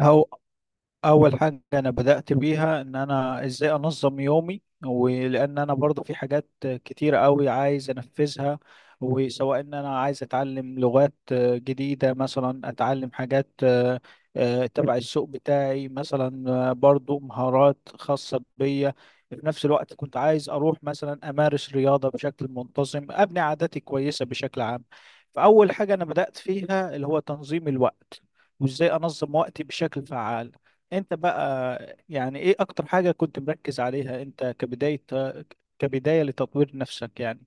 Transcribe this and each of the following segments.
هو اول حاجه انا بدات بيها ان انا ازاي انظم يومي، ولان انا برضه في حاجات كتيره قوي عايز انفذها. وسواء ان انا عايز اتعلم لغات جديده، مثلا اتعلم حاجات تبع السوق بتاعي، مثلا برضه مهارات خاصه بيا. في نفس الوقت كنت عايز اروح مثلا امارس رياضه بشكل منتظم، ابني عاداتي كويسه بشكل عام. فاول حاجه انا بدات فيها اللي هو تنظيم الوقت وازاي انظم وقتي بشكل فعال. انت بقى يعني ايه اكتر حاجة كنت مركز عليها انت كبداية، كبداية لتطوير نفسك يعني؟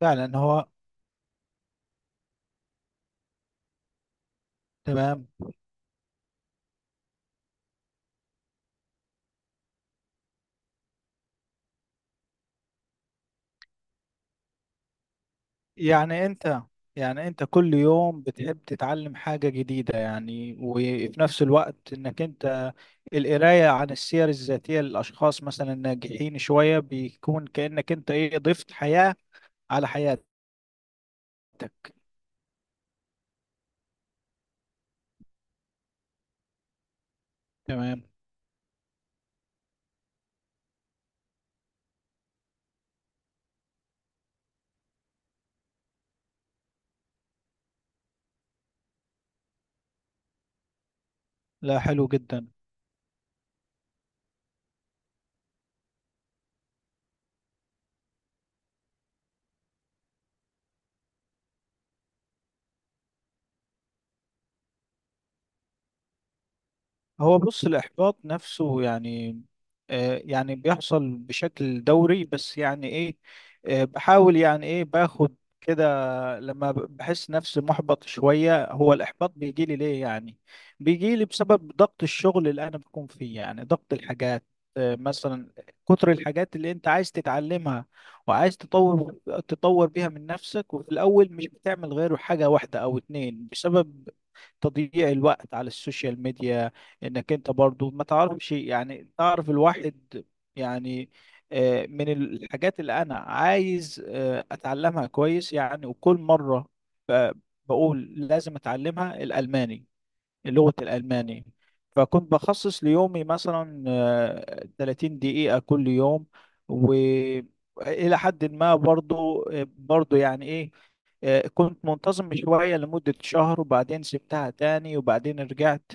فعلا. هو تمام. يعني انت، يعني انت كل يوم بتحب تتعلم حاجة جديدة يعني، وفي نفس الوقت انك انت القراية عن السير الذاتية للاشخاص مثلا الناجحين شوية بيكون كأنك انت ايه ضفت حياة على حياتك. تمام. لا حلو جدا. هو بص الإحباط نفسه يعني آه، يعني بيحصل بشكل دوري، بس يعني إيه آه، بحاول يعني إيه باخد كده. لما بحس نفسي محبط شوية، هو الإحباط بيجي لي ليه يعني؟ بيجي لي بسبب ضغط الشغل اللي أنا بكون فيه، يعني ضغط الحاجات مثلا، كتر الحاجات اللي أنت عايز تتعلمها وعايز تطور بيها من نفسك، وفي الأول مش بتعمل غير حاجة واحدة أو اتنين بسبب تضييع الوقت على السوشيال ميديا. انك انت برضو ما تعرفش، يعني تعرف الواحد يعني، من الحاجات اللي انا عايز اتعلمها كويس يعني. وكل مرة ب- بقول لازم اتعلمها الالماني، لغة الألماني. فكنت بخصص ليومي مثلا 30 دقيقة كل يوم. وإلى حد ما برضو يعني إيه كنت منتظم شوية لمدة شهر، وبعدين سبتها تاني وبعدين رجعت.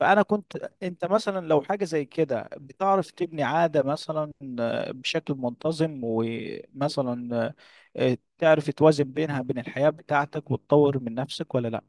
فأنا كنت، أنت مثلا لو حاجة زي كده بتعرف تبني عادة مثلا بشكل منتظم، ومثلا تعرف توازن بينها، بين الحياة بتاعتك وتطور من نفسك، ولا لأ؟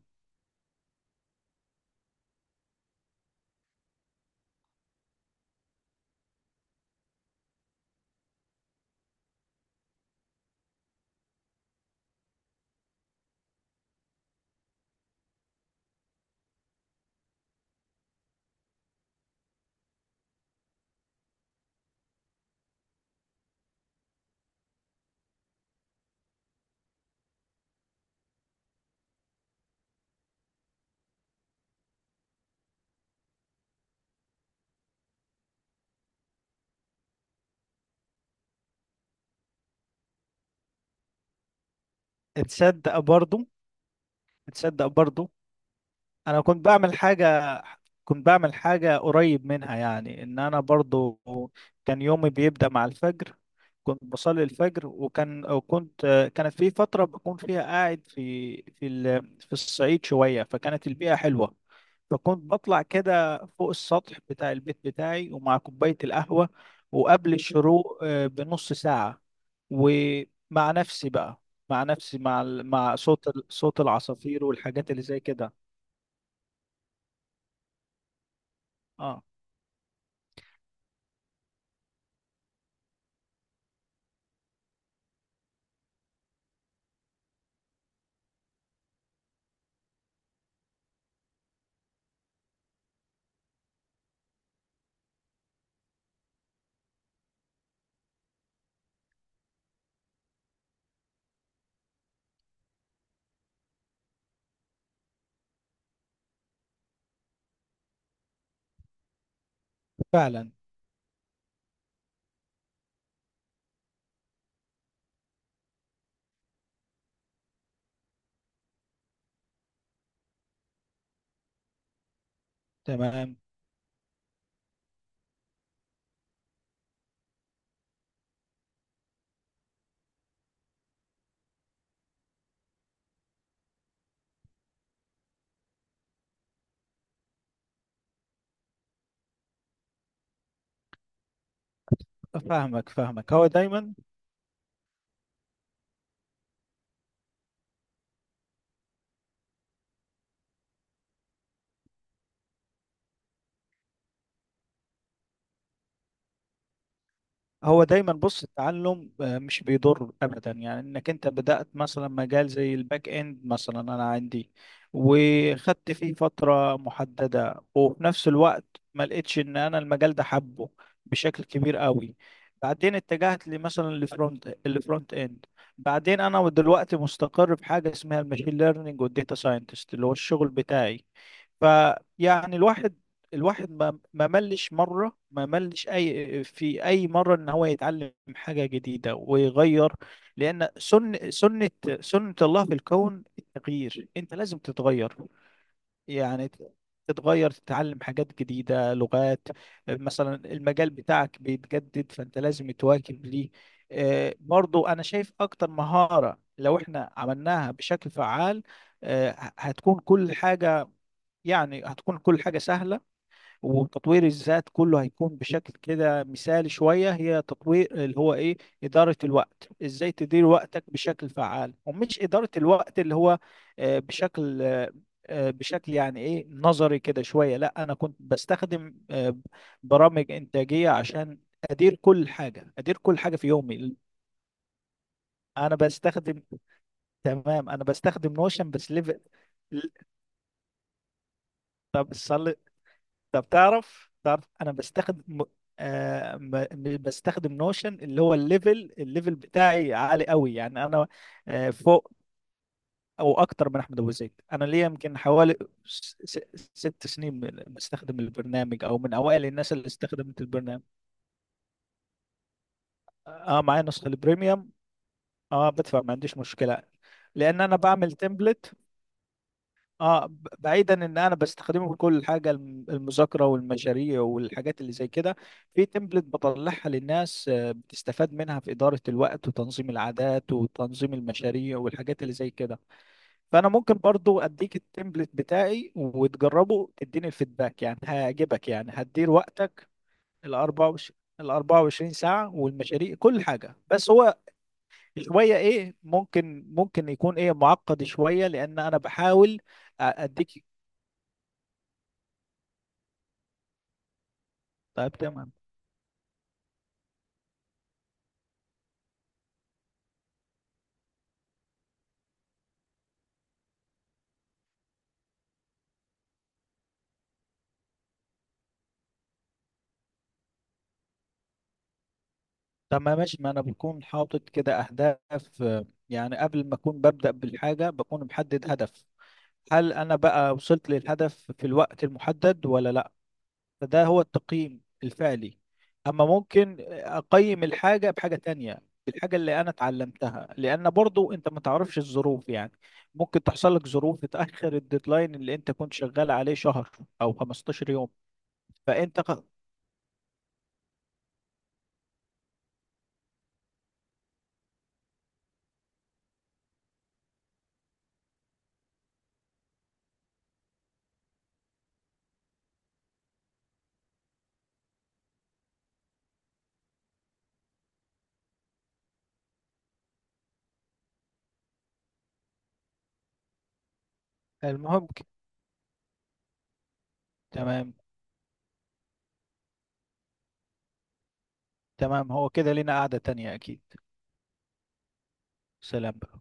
تصدق برضو، تصدق برضو، انا كنت بعمل حاجة، كنت بعمل حاجة قريب منها يعني ان انا برضو كان يومي بيبدأ مع الفجر. كنت بصلي الفجر، وكان وكنت، كانت في فترة بكون فيها قاعد في الصعيد شوية، فكانت البيئة حلوة. فكنت بطلع كده فوق السطح بتاع البيت بتاعي، ومع كوباية القهوة وقبل الشروق بنص ساعة. ومع نفسي بقى، مع نفسي، مع صوت صوت العصافير والحاجات اللي زي كده. اه فعلا. تمام. فاهمك هو دايما. هو دايما بص التعلم مش بيضر ابدا، يعني انك انت بدأت مثلا مجال زي الباك اند مثلا، انا عندي وخدت فيه فترة محددة، وفي نفس الوقت ما لقيتش ان انا المجال ده حبه بشكل كبير قوي. بعدين اتجهت لمثلا الفرونت اند. بعدين انا دلوقتي مستقر في حاجة اسمها الماشين ليرنينج والديتا ساينتست اللي هو الشغل بتاعي. فيعني الواحد، الواحد ما ملش أي في أي مرة إن هو يتعلم حاجة جديدة ويغير. لأن سن سنة سنة الله في الكون التغيير، أنت لازم تتغير. يعني تتغير، تتعلم حاجات جديدة، لغات مثلا. المجال بتاعك بيتجدد، فأنت لازم تواكب ليه. برضو أنا شايف أكتر مهارة لو إحنا عملناها بشكل فعال آه، هتكون كل حاجة، يعني هتكون كل حاجة سهلة، وتطوير الذات كله هيكون بشكل كده مثالي شوية. هي تطوير اللي هو إيه؟ إدارة الوقت، إزاي تدير وقتك بشكل فعال. ومش إدارة الوقت اللي هو آه، بشكل آه، آه، بشكل يعني إيه نظري كده شوية. لا أنا كنت بستخدم برامج إنتاجية عشان أدير كل حاجة، أدير كل حاجة في يومي. أنا بستخدم، تمام أنا بستخدم نوشن بس ليفل. طب صلي. طب تعرف، تعرف انا بستخدم بستخدم نوشن اللي هو الليفل بتاعي عالي قوي، يعني انا آه فوق او اكتر من احمد ابو زيد. انا ليا يمكن حوالي ست سنين بستخدم البرنامج، او من اوائل الناس اللي استخدمت البرنامج. اه معايا نسخة البريميوم. اه بدفع، ما عنديش مشكلة. لان انا بعمل تمبلت. اه بعيدا ان انا بستخدمه في كل حاجه، المذاكره والمشاريع والحاجات اللي زي كده، في تمبلت بطلعها للناس بتستفاد منها في اداره الوقت وتنظيم العادات وتنظيم المشاريع والحاجات اللي زي كده. فانا ممكن برضو اديك التمبلت بتاعي وتجربه تديني الفيدباك، يعني هيعجبك، يعني هتدير وقتك ال 24 ساعه والمشاريع كل حاجه. بس هو شويه ايه ممكن، ممكن يكون ايه معقد شويه لان انا بحاول اديك. طيب تمام. طب ما ماشي، ما انا بكون حاطط كده اهداف يعني قبل ما اكون ببدأ بالحاجة بكون محدد هدف. هل انا بقى وصلت للهدف في الوقت المحدد ولا لا؟ فده هو التقييم الفعلي. اما ممكن اقيم الحاجة بحاجة تانية، بالحاجة اللي انا اتعلمتها، لان برضو انت ما تعرفش الظروف، يعني ممكن تحصل لك ظروف تتأخر الديدلاين اللي انت كنت شغال عليه شهر او 15 يوم. فانت ق- المهم ك- تمام، تمام. هو كده لينا قعدة تانية اكيد. سلام بقى.